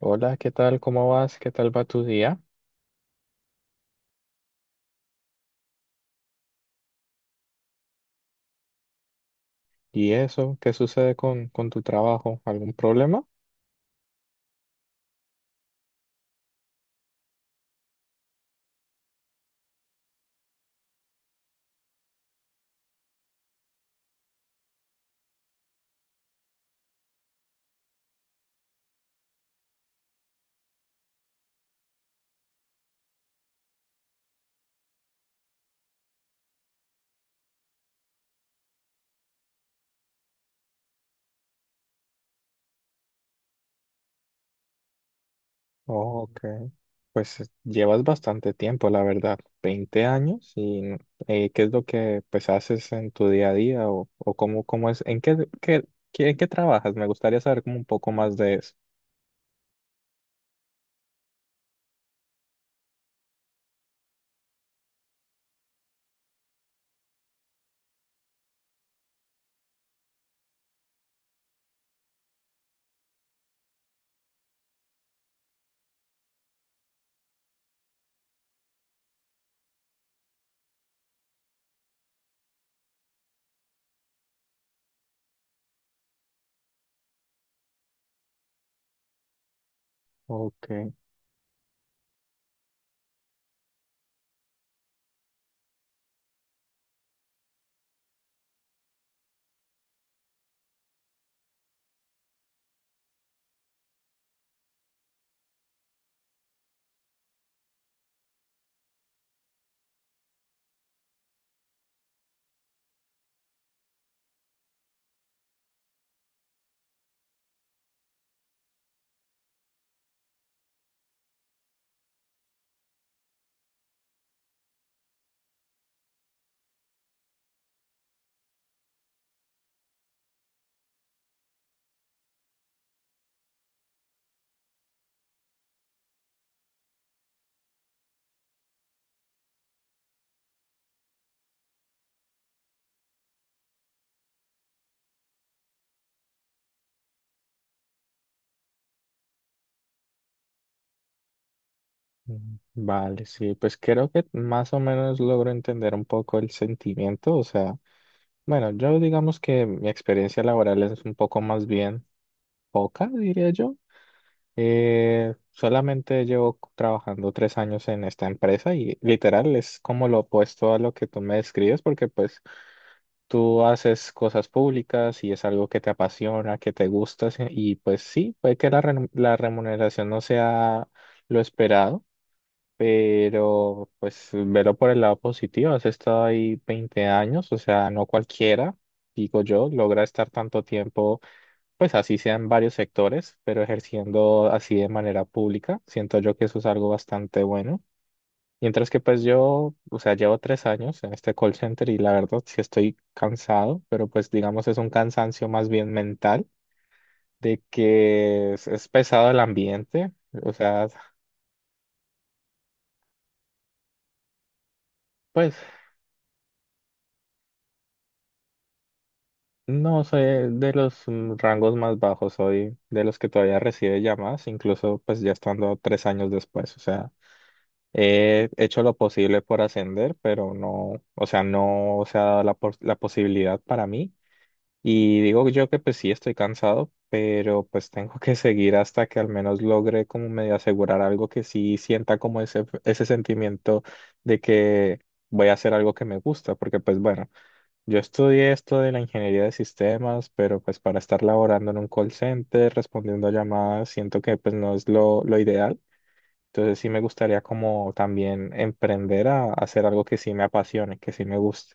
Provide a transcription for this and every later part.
Hola, ¿qué tal? ¿Cómo vas? ¿Qué tal va tu día? ¿Y eso? ¿Qué sucede con tu trabajo? ¿Algún problema? Oh, ok. Pues llevas bastante tiempo, la verdad, 20 años. ¿Y qué es lo que pues haces en tu día a día? ¿O cómo es? ¿En qué trabajas? Me gustaría saber como un poco más de eso. Ok. Mm, vale, sí, pues creo que más o menos logro entender un poco el sentimiento, o sea, bueno, yo digamos que mi experiencia laboral es un poco más bien poca, diría yo. Solamente llevo trabajando tres años en esta empresa y literal es como lo opuesto a lo que tú me describes, porque pues tú haces cosas públicas y es algo que te apasiona, que te gusta, sí, y pues sí, puede que la remuneración no sea lo esperado, pero pues velo por el lado positivo. Has estado ahí 20 años, o sea, no cualquiera, digo yo, logra estar tanto tiempo, pues así sean varios sectores, pero ejerciendo así de manera pública, siento yo que eso es algo bastante bueno. Mientras que pues yo, o sea, llevo tres años en este call center y la verdad sí estoy cansado, pero pues digamos es un cansancio más bien mental, de que es pesado el ambiente, o sea, pues no soy de los rangos más bajos, soy de los que todavía recibe llamadas, incluso pues ya estando tres años después, o sea. He hecho lo posible por ascender, pero no, o sea, no se ha dado la posibilidad para mí. Y digo yo que pues sí estoy cansado, pero pues tengo que seguir hasta que al menos logre como medio asegurar algo que sí sienta como ese sentimiento de que voy a hacer algo que me gusta, porque pues bueno, yo estudié esto de la ingeniería de sistemas, pero pues para estar laborando en un call center, respondiendo llamadas, siento que pues no es lo ideal. Entonces sí me gustaría como también emprender a hacer algo que sí me apasione, que sí me guste.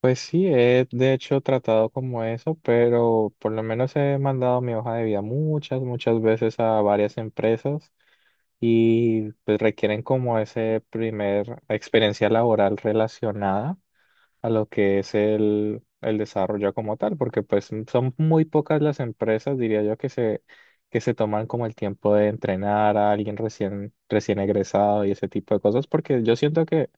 Pues sí, he de hecho tratado como eso, pero por lo menos he mandado mi hoja de vida muchas, muchas veces a varias empresas y pues requieren como ese primer experiencia laboral relacionada a lo que es el desarrollo como tal, porque pues son muy pocas las empresas, diría yo, que se toman como el tiempo de entrenar a alguien recién egresado y ese tipo de cosas, porque yo siento que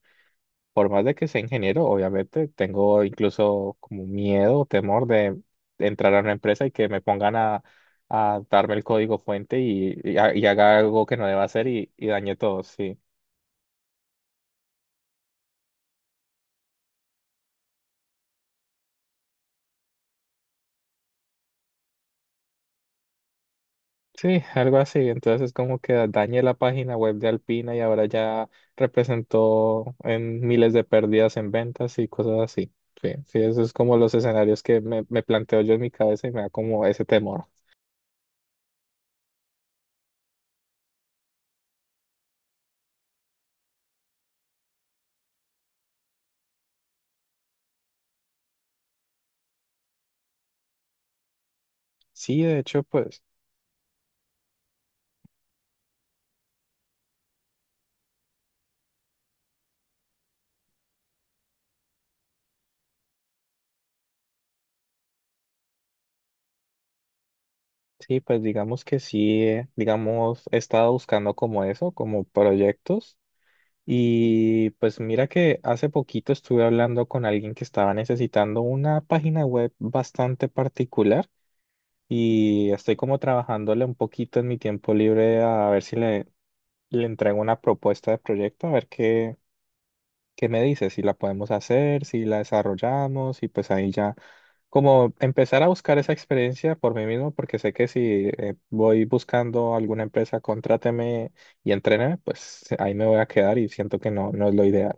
por más de que sea ingeniero, obviamente tengo incluso como miedo o temor de entrar a una empresa y que me pongan a darme el código fuente y haga algo que no deba hacer y dañe todo, sí. Sí, algo así. Entonces como que dañé la página web de Alpina y ahora ya representó en miles de pérdidas en ventas y cosas así. Sí, sí, eso es como los escenarios que me planteo yo en mi cabeza y me da como ese temor. Sí, de hecho, pues, sí, pues digamos que sí, digamos, he estado buscando como eso, como proyectos. Y pues mira que hace poquito estuve hablando con alguien que estaba necesitando una página web bastante particular, y estoy como trabajándole un poquito en mi tiempo libre a ver si le entrego una propuesta de proyecto, a ver qué, qué me dice, si la podemos hacer, si la desarrollamos y pues ahí ya como empezar a buscar esa experiencia por mí mismo, porque sé que si voy buscando alguna empresa, contráteme y entréneme, pues ahí me voy a quedar y siento que no, no es lo ideal.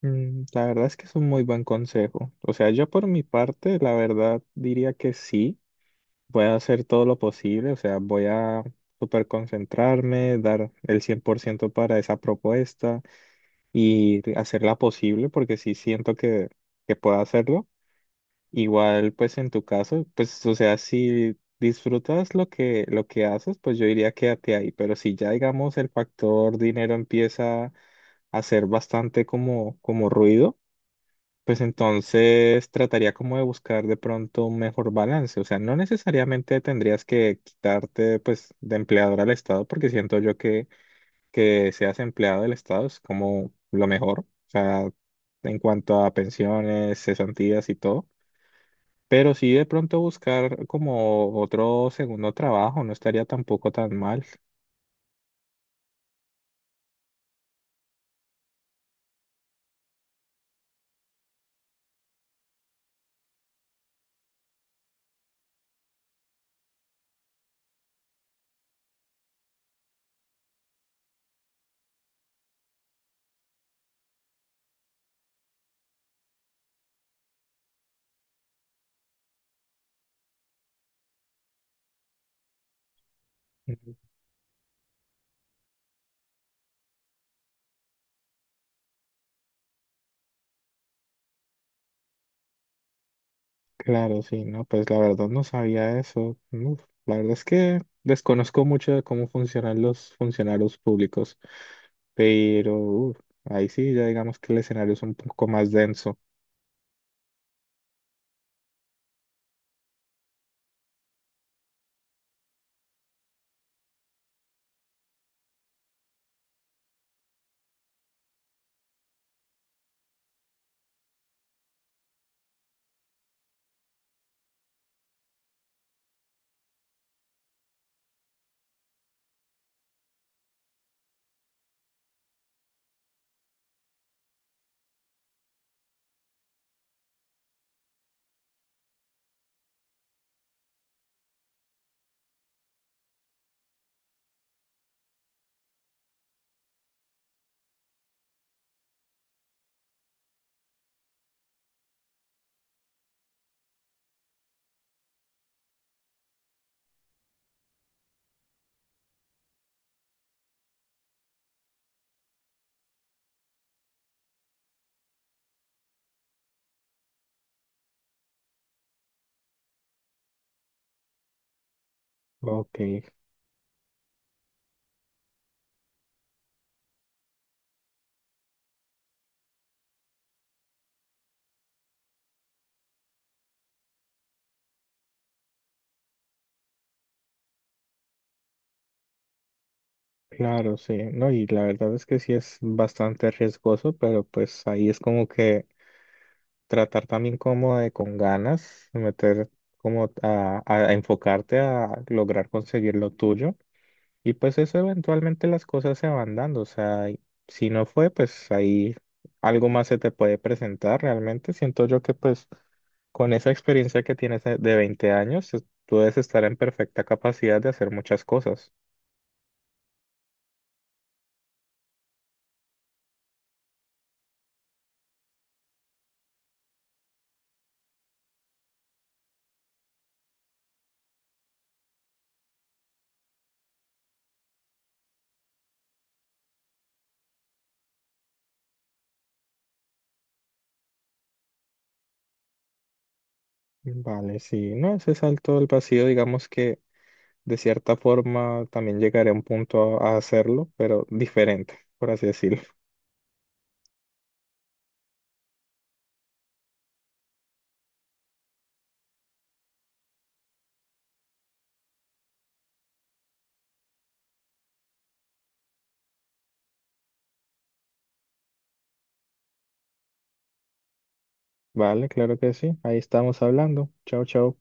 Mm, la verdad es que es un muy buen consejo. O sea, yo por mi parte, la verdad diría que sí, voy a hacer todo lo posible, o sea, voy a super concentrarme, dar el 100% para esa propuesta y hacerla posible porque sí siento que puedo hacerlo. Igual, pues en tu caso, pues, o sea, si disfrutas lo que haces, pues yo diría quédate ahí, pero si ya, digamos, el factor dinero empieza a ser bastante como, como ruido, pues entonces trataría como de buscar de pronto un mejor balance. O sea, no necesariamente tendrías que quitarte pues de empleador al Estado, porque siento yo que seas empleado del Estado es como lo mejor. O sea, en cuanto a pensiones, cesantías y todo. Pero sí de pronto buscar como otro segundo trabajo no estaría tampoco tan mal. Claro, sí, no, pues la verdad no sabía eso. Uf, la verdad es que desconozco mucho de cómo funcionan los funcionarios públicos, pero uf, ahí sí, ya digamos que el escenario es un poco más denso. Ok, claro, sí, no, y la verdad es que sí es bastante riesgoso, pero pues ahí es como que tratar también como de con ganas, meter como a enfocarte a lograr conseguir lo tuyo. Y pues eso eventualmente las cosas se van dando, o sea, y si no fue, pues ahí algo más se te puede presentar realmente. Siento yo que pues con esa experiencia que tienes de 20 años, es- tú debes estar en perfecta capacidad de hacer muchas cosas. Vale, sí, no, ese salto al vacío, digamos que de cierta forma también llegaré a un punto a hacerlo, pero diferente, por así decirlo. Vale, claro que sí, ahí estamos hablando. Chao, chao.